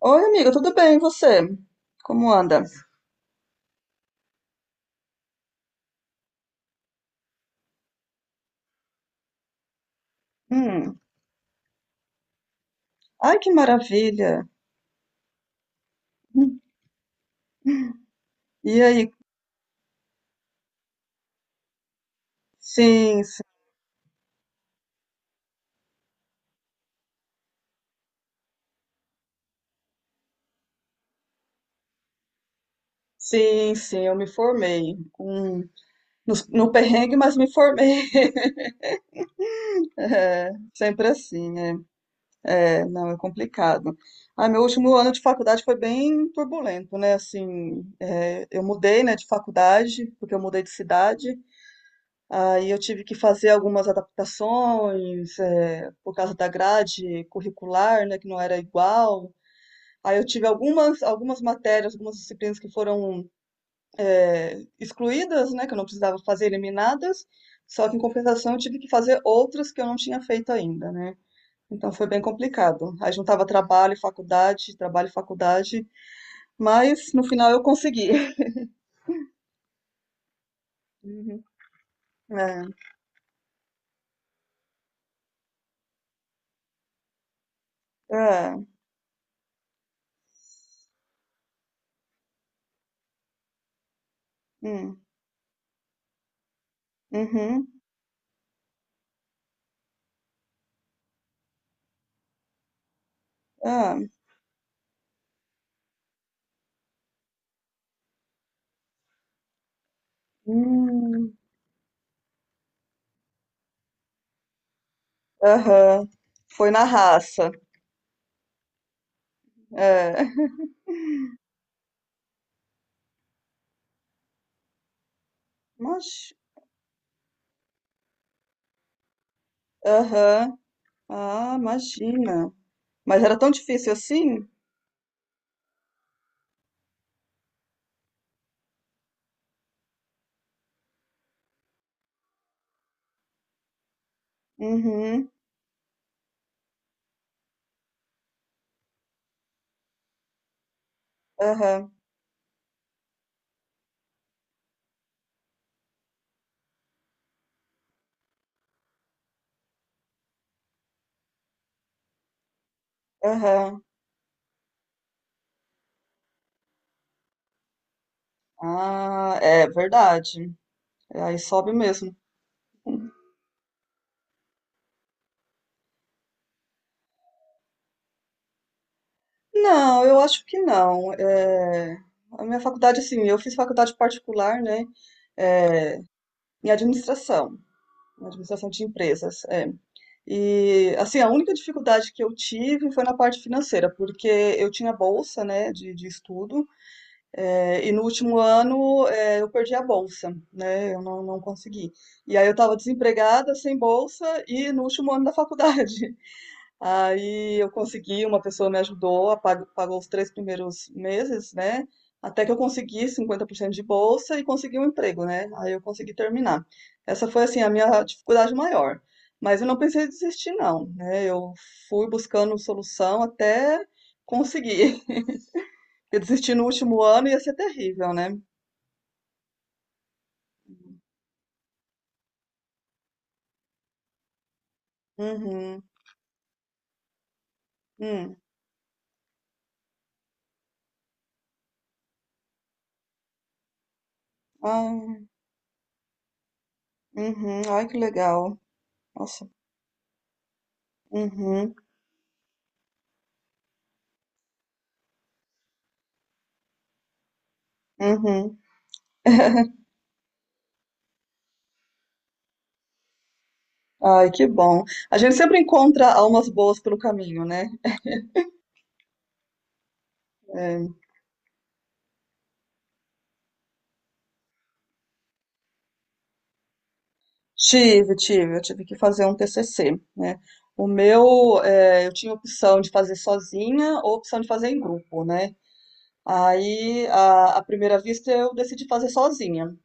Oi, amigo, tudo bem? E você? Como anda? Hum. Ai, que maravilha! Hum. E aí? Sim, sim, sim, sim, eu me formei. Hum. No perrengue, mas me formei. É, sempre assim, é. É, não, é complicado. Ah, meu último ano de faculdade foi bem turbulento, né? Assim, é, eu mudei, né, de faculdade, porque eu mudei de cidade. Aí eu tive que fazer algumas adaptações, é, por causa da grade curricular, né, que não era igual. Aí eu tive algumas matérias, algumas disciplinas que foram é, excluídas, né, que eu não precisava fazer, eliminadas, só que em compensação eu tive que fazer outras que eu não tinha feito ainda, né? Então foi bem complicado. Aí juntava trabalho, e faculdade, mas no final eu consegui. Uhum. É, é, hum, uhum, é, hum, aham. Foi na raça. É. Mas, aham. Ah, imagina. Mas era tão difícil assim? Uhum. Aham. Aham. Ah, é verdade. É, aí sobe mesmo. Não, eu acho que não. É, a minha faculdade, assim, eu fiz faculdade particular, né, em administração, em administração de empresas. É. E, assim, a única dificuldade que eu tive foi na parte financeira, porque eu tinha bolsa, né, de estudo. É, e no último ano, é, eu perdi a bolsa, né? Eu não consegui. E aí eu estava desempregada, sem bolsa, e no último ano da faculdade. Aí eu consegui, uma pessoa me ajudou, pagou os 3 primeiros meses, né? Até que eu consegui 50% de bolsa e consegui um emprego, né? Aí eu consegui terminar. Essa foi, assim, a minha dificuldade maior. Mas eu não pensei em desistir, não, né? Eu fui buscando solução até conseguir. Porque desistir no último ano ia ser terrível, né? Uhum. Hum. Ah, uhum. Ai, que legal. Nossa. Uhum. Uhum. Ai, que bom. A gente sempre encontra almas boas pelo caminho, né? É, tive, tive. Eu tive que fazer um TCC, né? O meu, é, eu tinha opção de fazer sozinha ou opção de fazer em grupo, né? Aí, à primeira vista, eu decidi fazer sozinha.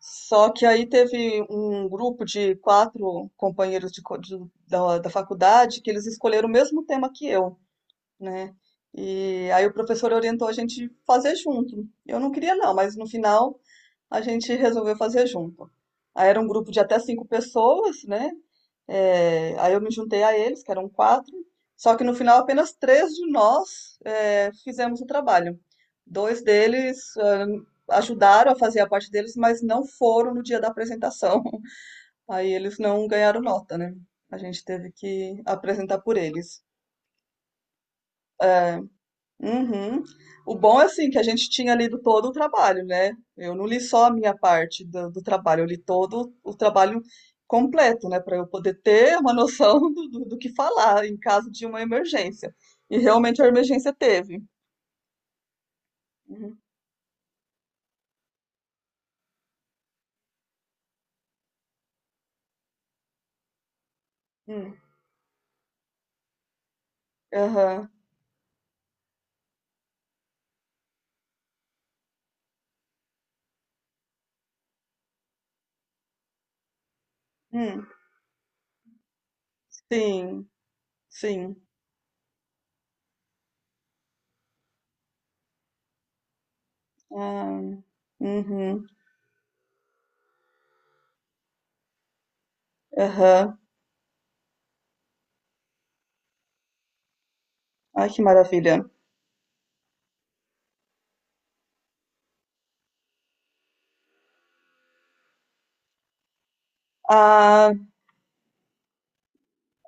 Só que aí teve um grupo de quatro companheiros de, co- de- da, da faculdade que eles escolheram o mesmo tema que eu, né? E aí o professor orientou a gente fazer junto. Eu não queria não, mas no final a gente resolveu fazer junto. Aí era um grupo de até cinco pessoas, né? É, aí eu me juntei a eles, que eram quatro. Só que no final apenas três de nós é, fizemos o trabalho. Dois deles ajudaram a fazer a parte deles, mas não foram no dia da apresentação. Aí eles não ganharam nota, né? A gente teve que apresentar por eles. Uhum. O bom é assim que a gente tinha lido todo o trabalho, né? Eu não li só a minha parte do trabalho, eu li todo o trabalho completo, né? Para eu poder ter uma noção do que falar em caso de uma emergência. E realmente a emergência teve. Uhum. Hum. Aham. Hum. Sim, sim. Ah. Uhum. Aham. Ai, que maravilha. Ah,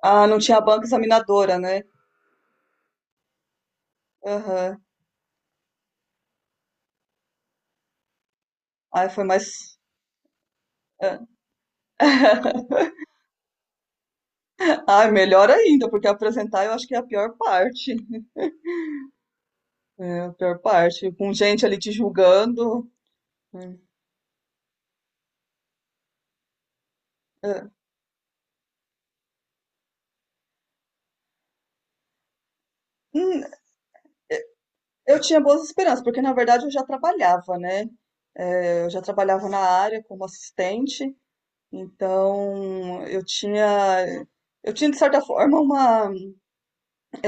ah, não tinha banca examinadora, né? Aham. Ai, foi mais. Ah. Ah, melhor ainda, porque apresentar eu acho que é a pior parte. É a pior parte. Com gente ali te julgando. É. É. Hum. Eu tinha boas esperanças, porque na verdade eu já trabalhava, né? É, eu já trabalhava na área como assistente, então eu tinha, de certa forma uma,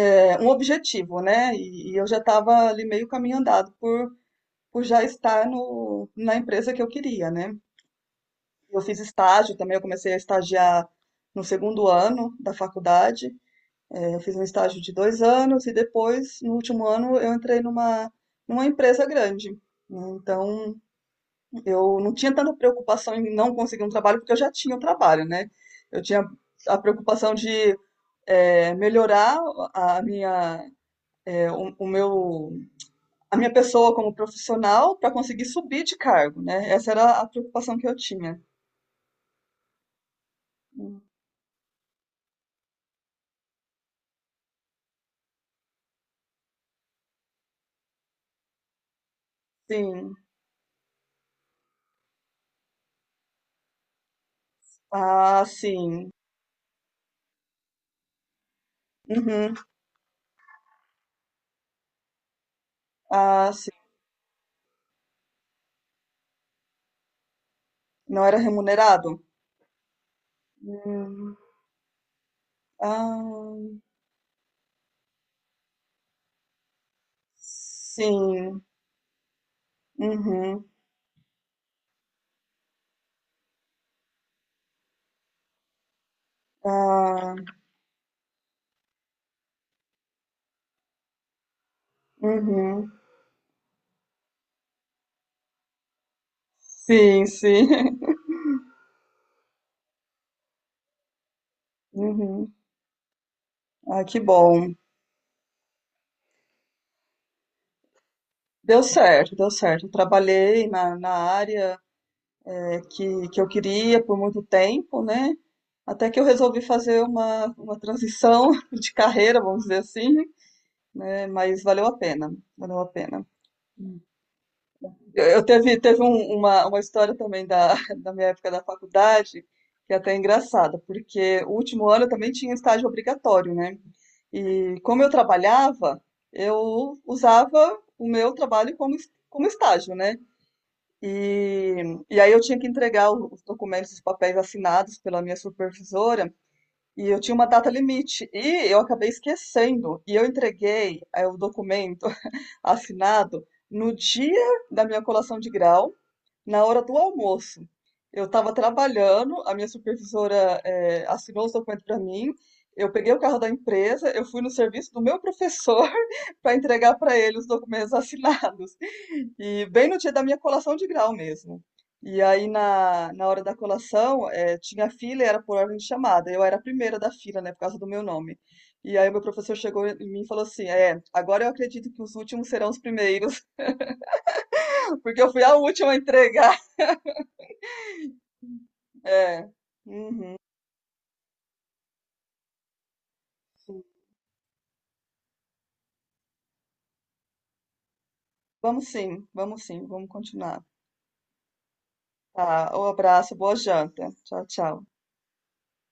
é, um objetivo, né? E eu já estava ali meio caminho andado por já estar no, na empresa que eu queria, né? Eu fiz estágio também, eu comecei a estagiar no segundo ano da faculdade. É, eu fiz um estágio de 2 anos e depois, no último ano, eu entrei numa empresa grande. Né? Então, eu não tinha tanta preocupação em não conseguir um trabalho, porque eu já tinha um trabalho, né? Eu tinha a preocupação de é, melhorar a minha, é, o meu, a minha pessoa como profissional para conseguir subir de cargo, né? Essa era a preocupação que eu tinha. Sim, ah, sim. Uhum. Ah, sim. Não era remunerado? Hum. Ah, sim. Uhum. Ah, uhum. Sim, sim. Uhum. Ah, que bom. Deu certo, deu certo. Trabalhei na área que eu queria por muito tempo, né? Até que eu resolvi fazer uma transição de carreira, vamos dizer assim, né? Mas valeu a pena, valeu a pena. Eu uma história também da, da minha época da faculdade, que é até engraçada, porque o último ano eu também tinha estágio obrigatório, né? E como eu trabalhava, eu usava o meu trabalho como estágio, né? E, e aí eu tinha que entregar os documentos, os papéis assinados pela minha supervisora, e eu tinha uma data limite, e eu acabei esquecendo, e eu entreguei o documento assinado no dia da minha colação de grau, na hora do almoço. Eu estava trabalhando, a minha supervisora assinou os documentos para mim. Eu peguei o carro da empresa, eu fui no serviço do meu professor para entregar para ele os documentos assinados. E bem no dia da minha colação de grau mesmo. E aí, na hora da colação, tinha fila e era por ordem de chamada. Eu era a primeira da fila, né, por causa do meu nome. E aí, meu professor chegou em mim e falou assim: É, agora eu acredito que os últimos serão os primeiros, porque eu fui a última a entregar. É. Uhum. Vamos sim, vamos sim, vamos continuar. Tá, um abraço, boa janta. Tchau, tchau.